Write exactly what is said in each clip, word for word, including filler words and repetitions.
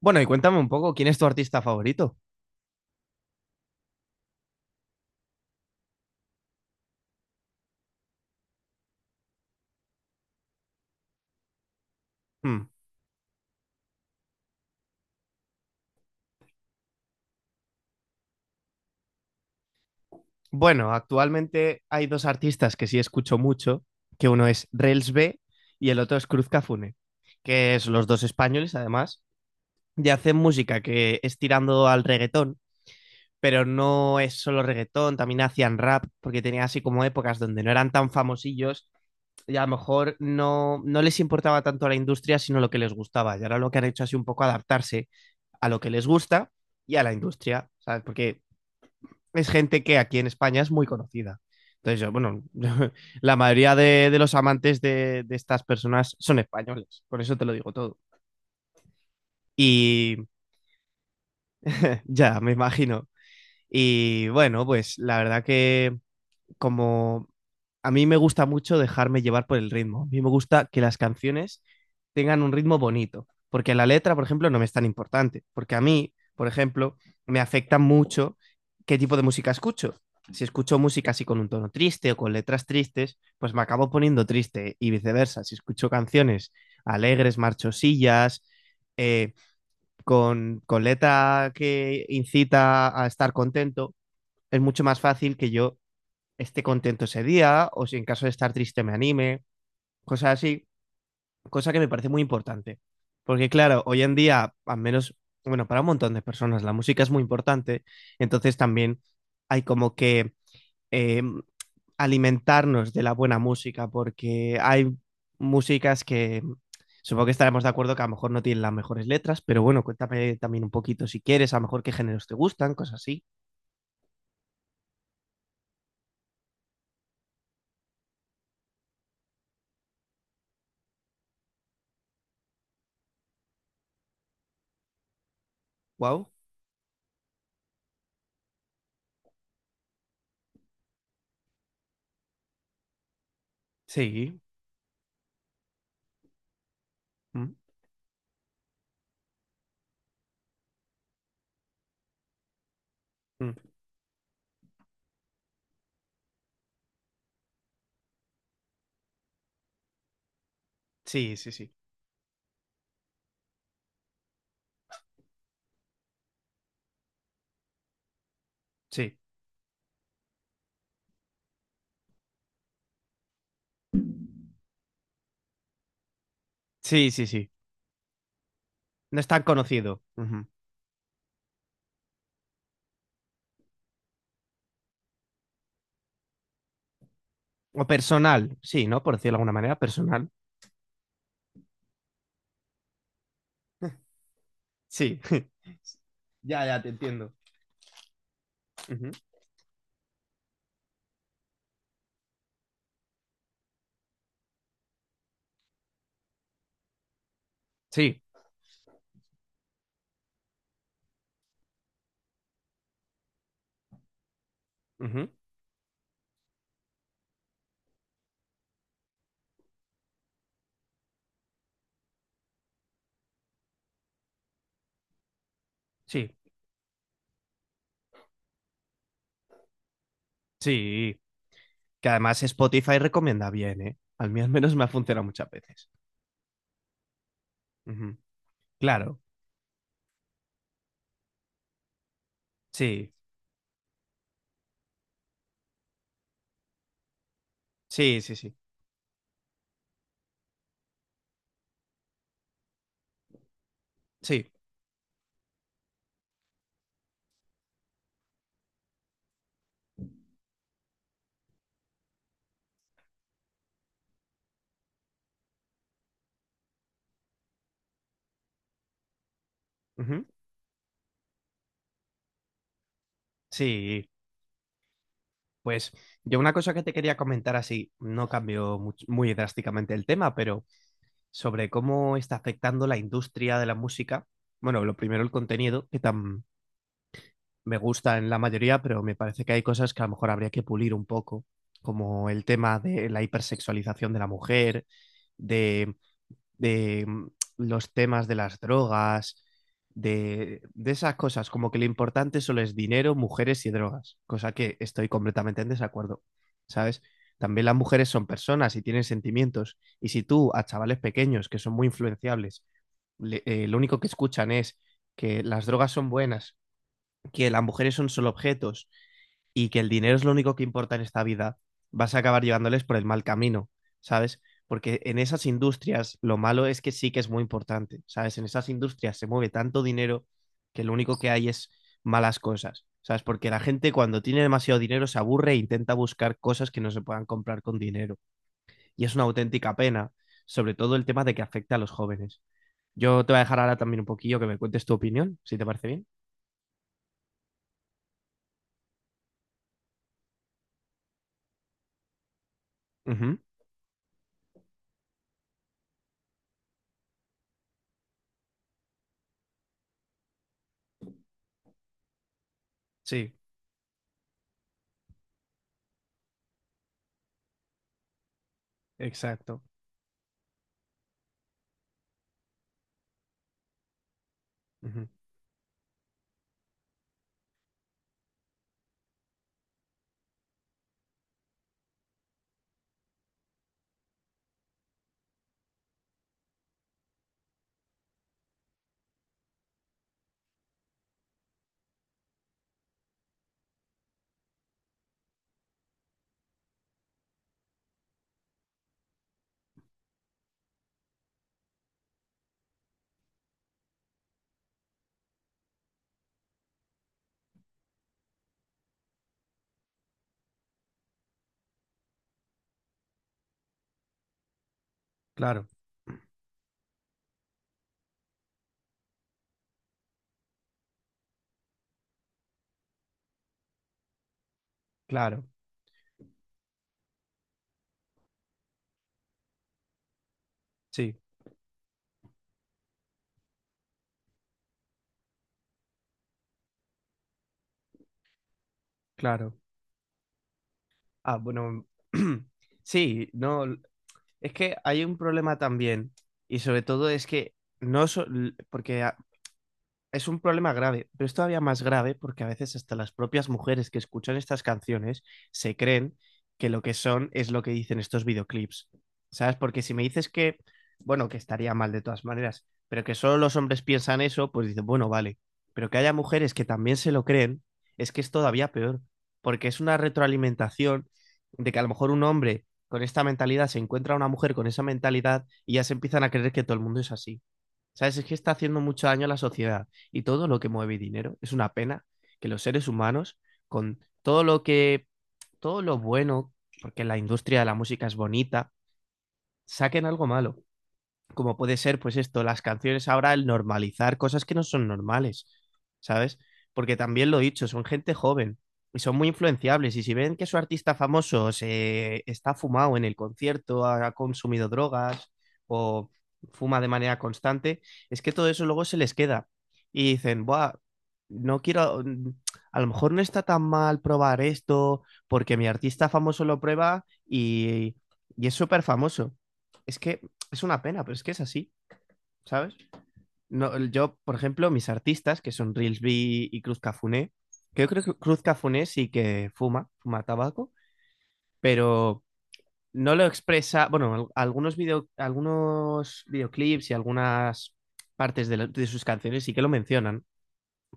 Bueno, y cuéntame un poco, ¿quién es tu artista favorito? Hmm. Bueno, actualmente hay dos artistas que sí escucho mucho, que uno es Rels B y el otro es Cruz Cafune, que es los dos españoles además, y hacen música que es tirando al reggaetón, pero no es solo reggaetón, también hacían rap, porque tenían así como épocas donde no eran tan famosillos y a lo mejor no, no les importaba tanto la industria, sino lo que les gustaba. Y ahora lo que han hecho es un poco adaptarse a lo que les gusta y a la industria, ¿sabes? Porque es gente que aquí en España es muy conocida. Entonces, yo, bueno, la mayoría de, de los amantes de, de, estas personas son españoles, por eso te lo digo todo. Y ya, me imagino. Y bueno, pues la verdad que como a mí me gusta mucho dejarme llevar por el ritmo. A mí me gusta que las canciones tengan un ritmo bonito, porque la letra, por ejemplo, no me es tan importante, porque a mí, por ejemplo, me afecta mucho qué tipo de música escucho. Si escucho música así con un tono triste o con letras tristes, pues me acabo poniendo triste y viceversa. Si escucho canciones alegres, marchosillas, eh, con, con letra que incita a estar contento, es mucho más fácil que yo esté contento ese día o si en caso de estar triste me anime, cosas así, cosa que me parece muy importante. Porque claro, hoy en día, al menos, bueno, para un montón de personas la música es muy importante, entonces también hay como que eh, alimentarnos de la buena música porque hay músicas que supongo que estaremos de acuerdo que a lo mejor no tienen las mejores letras, pero bueno, cuéntame también un poquito si quieres, a lo mejor qué géneros te gustan, cosas así. Wow. Sí. Mm, mm. Sí, sí, sí. Sí. Sí, sí, sí. No es tan conocido. Ujú. O personal, sí, ¿no? Por decirlo de alguna manera, personal. Sí. Ya, ya, te entiendo. Ujú. Sí. Ujú. Sí. Sí. Que además Spotify recomienda bien, ¿eh? A mí al menos me ha funcionado muchas veces. Ujú. Claro. Sí. Sí, sí, sí. Sí. Ujú. Sí. Pues yo una cosa que te quería comentar así, no cambió much- muy drásticamente el tema, pero sobre cómo está afectando la industria de la música. Bueno, lo primero el contenido, que tan me gusta en la mayoría, pero me parece que hay cosas que a lo mejor habría que pulir un poco, como el tema de la hipersexualización de la mujer, de, de mm, los temas de las drogas, de, de esas cosas, como que lo importante solo es dinero, mujeres y drogas, cosa que estoy completamente en desacuerdo, ¿sabes? También las mujeres son personas y tienen sentimientos, y si tú a chavales pequeños que son muy influenciables, le- eh, lo único que escuchan es que las drogas son buenas, que las mujeres son solo objetos y que el dinero es lo único que importa en esta vida, vas a acabar llevándoles por el mal camino, ¿sabes? Porque en esas industrias lo malo es que sí que es muy importante, ¿sabes? En esas industrias se mueve tanto dinero que lo único que hay es malas cosas, ¿sabes? Porque la gente cuando tiene demasiado dinero se aburre e intenta buscar cosas que no se puedan comprar con dinero. Y es una auténtica pena, sobre todo el tema de que afecta a los jóvenes. Yo te voy a dejar ahora también un poquillo que me cuentes tu opinión, si te parece bien. Ujú, sí, exacto. Ujú, claro, claro, sí, claro. Ah, bueno, sí, no, l- es que hay un problema también y sobre todo es que no, so- l- porque a- es un problema grave, pero es todavía más grave porque a veces hasta las propias mujeres que escuchan estas canciones se creen que lo que son es lo que dicen estos videoclips. ¿Sabes? Porque si me dices que, bueno, que estaría mal de todas maneras, pero que solo los hombres piensan eso, pues dicen, bueno, vale. Pero que haya mujeres que también se lo creen, es que es todavía peor, porque es una retroalimentación de que a lo mejor un hombre con esta mentalidad se encuentra a una mujer con esa mentalidad y ya se empiezan a creer que todo el mundo es así. ¿Sabes? Es que está haciendo mucho daño a la sociedad y todo lo que mueve dinero. Es una pena que los seres humanos, con todo lo que, todo lo bueno, porque la industria de la música es bonita, saquen algo malo como puede ser, pues esto, las canciones ahora, el normalizar cosas que no son normales, ¿sabes? Porque también lo he dicho, son gente joven y son muy influenciables. Y si ven que su artista famoso se está fumado en el concierto, ha consumido drogas o fuma de manera constante, es que todo eso luego se les queda. Y dicen, buah, no quiero, mm, a lo mejor no está tan mal probar esto, porque mi artista famoso lo prueba y, y es súper famoso. Es que es una pena, pero es que es así, ¿sabes? No, yo, por ejemplo, mis artistas, que son Reelsby y Cruz Cafuné, que yo creo que Cruz Cafuné sí que fuma, fuma tabaco, pero no lo expresa, bueno, algunos, video, algunos videoclips y algunas partes de, la- de sus canciones sí que lo mencionan,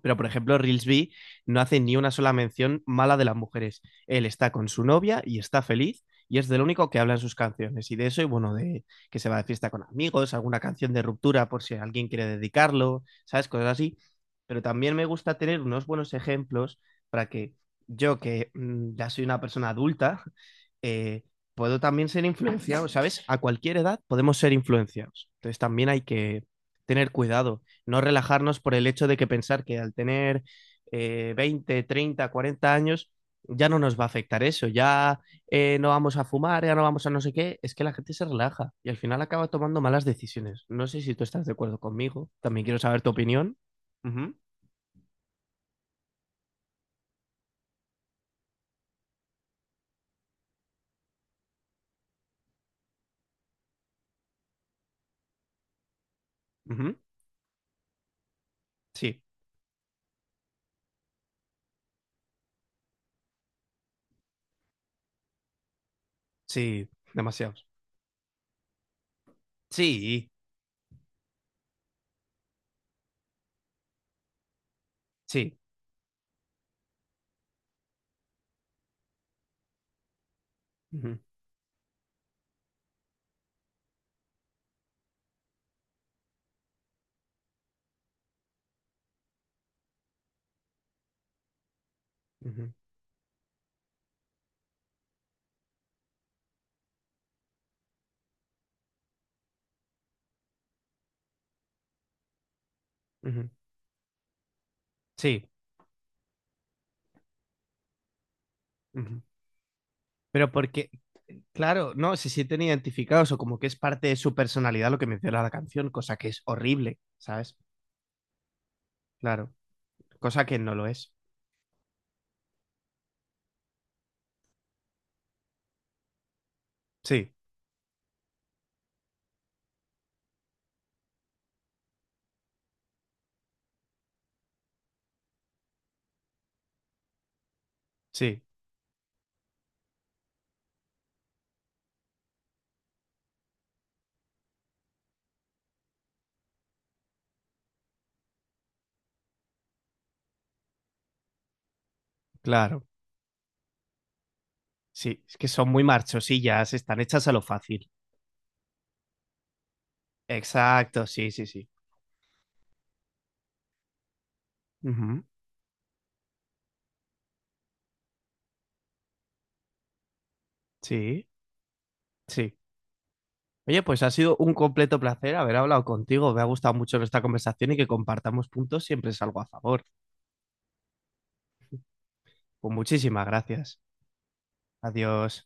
pero, por ejemplo, Reelsby no hace ni una sola mención mala de las mujeres. Él está con su novia y está feliz y es del único que habla en sus canciones. Y de eso, y bueno, de que se va de fiesta con amigos, alguna canción de ruptura por si alguien quiere dedicarlo, ¿sabes? Cosas así. Pero también me gusta tener unos buenos ejemplos para que yo, que mm, ya soy una persona adulta, eh, puedo también ser influenciado, ¿sabes? A cualquier edad podemos ser influenciados. Entonces también hay que tener cuidado no relajarnos por el hecho de que pensar que al tener eh, veinte, treinta, cuarenta años ya no nos va a afectar eso, ya eh, no vamos a fumar, ya no vamos a no sé qué, es que la gente se relaja y al final acaba tomando malas decisiones. No sé si tú estás de acuerdo conmigo, también quiero saber tu opinión. Ujú, ujú, sí, sí, demasiados. Sí, sí. Ujú, ujú, ujú, sí. Ujú. Pero porque, claro, no, se sienten identificados o como que es parte de su personalidad lo que menciona la canción, cosa que es horrible, ¿sabes? Claro, cosa que no lo es. Sí, sí, claro. Sí, es que son muy marchosillas, están hechas a lo fácil. Exacto, sí, sí, sí. Ujú, sí, sí. Oye, pues ha sido un completo placer haber hablado contigo. Me ha gustado mucho nuestra conversación y que compartamos puntos siempre es algo a favor. Pues muchísimas gracias. Adiós.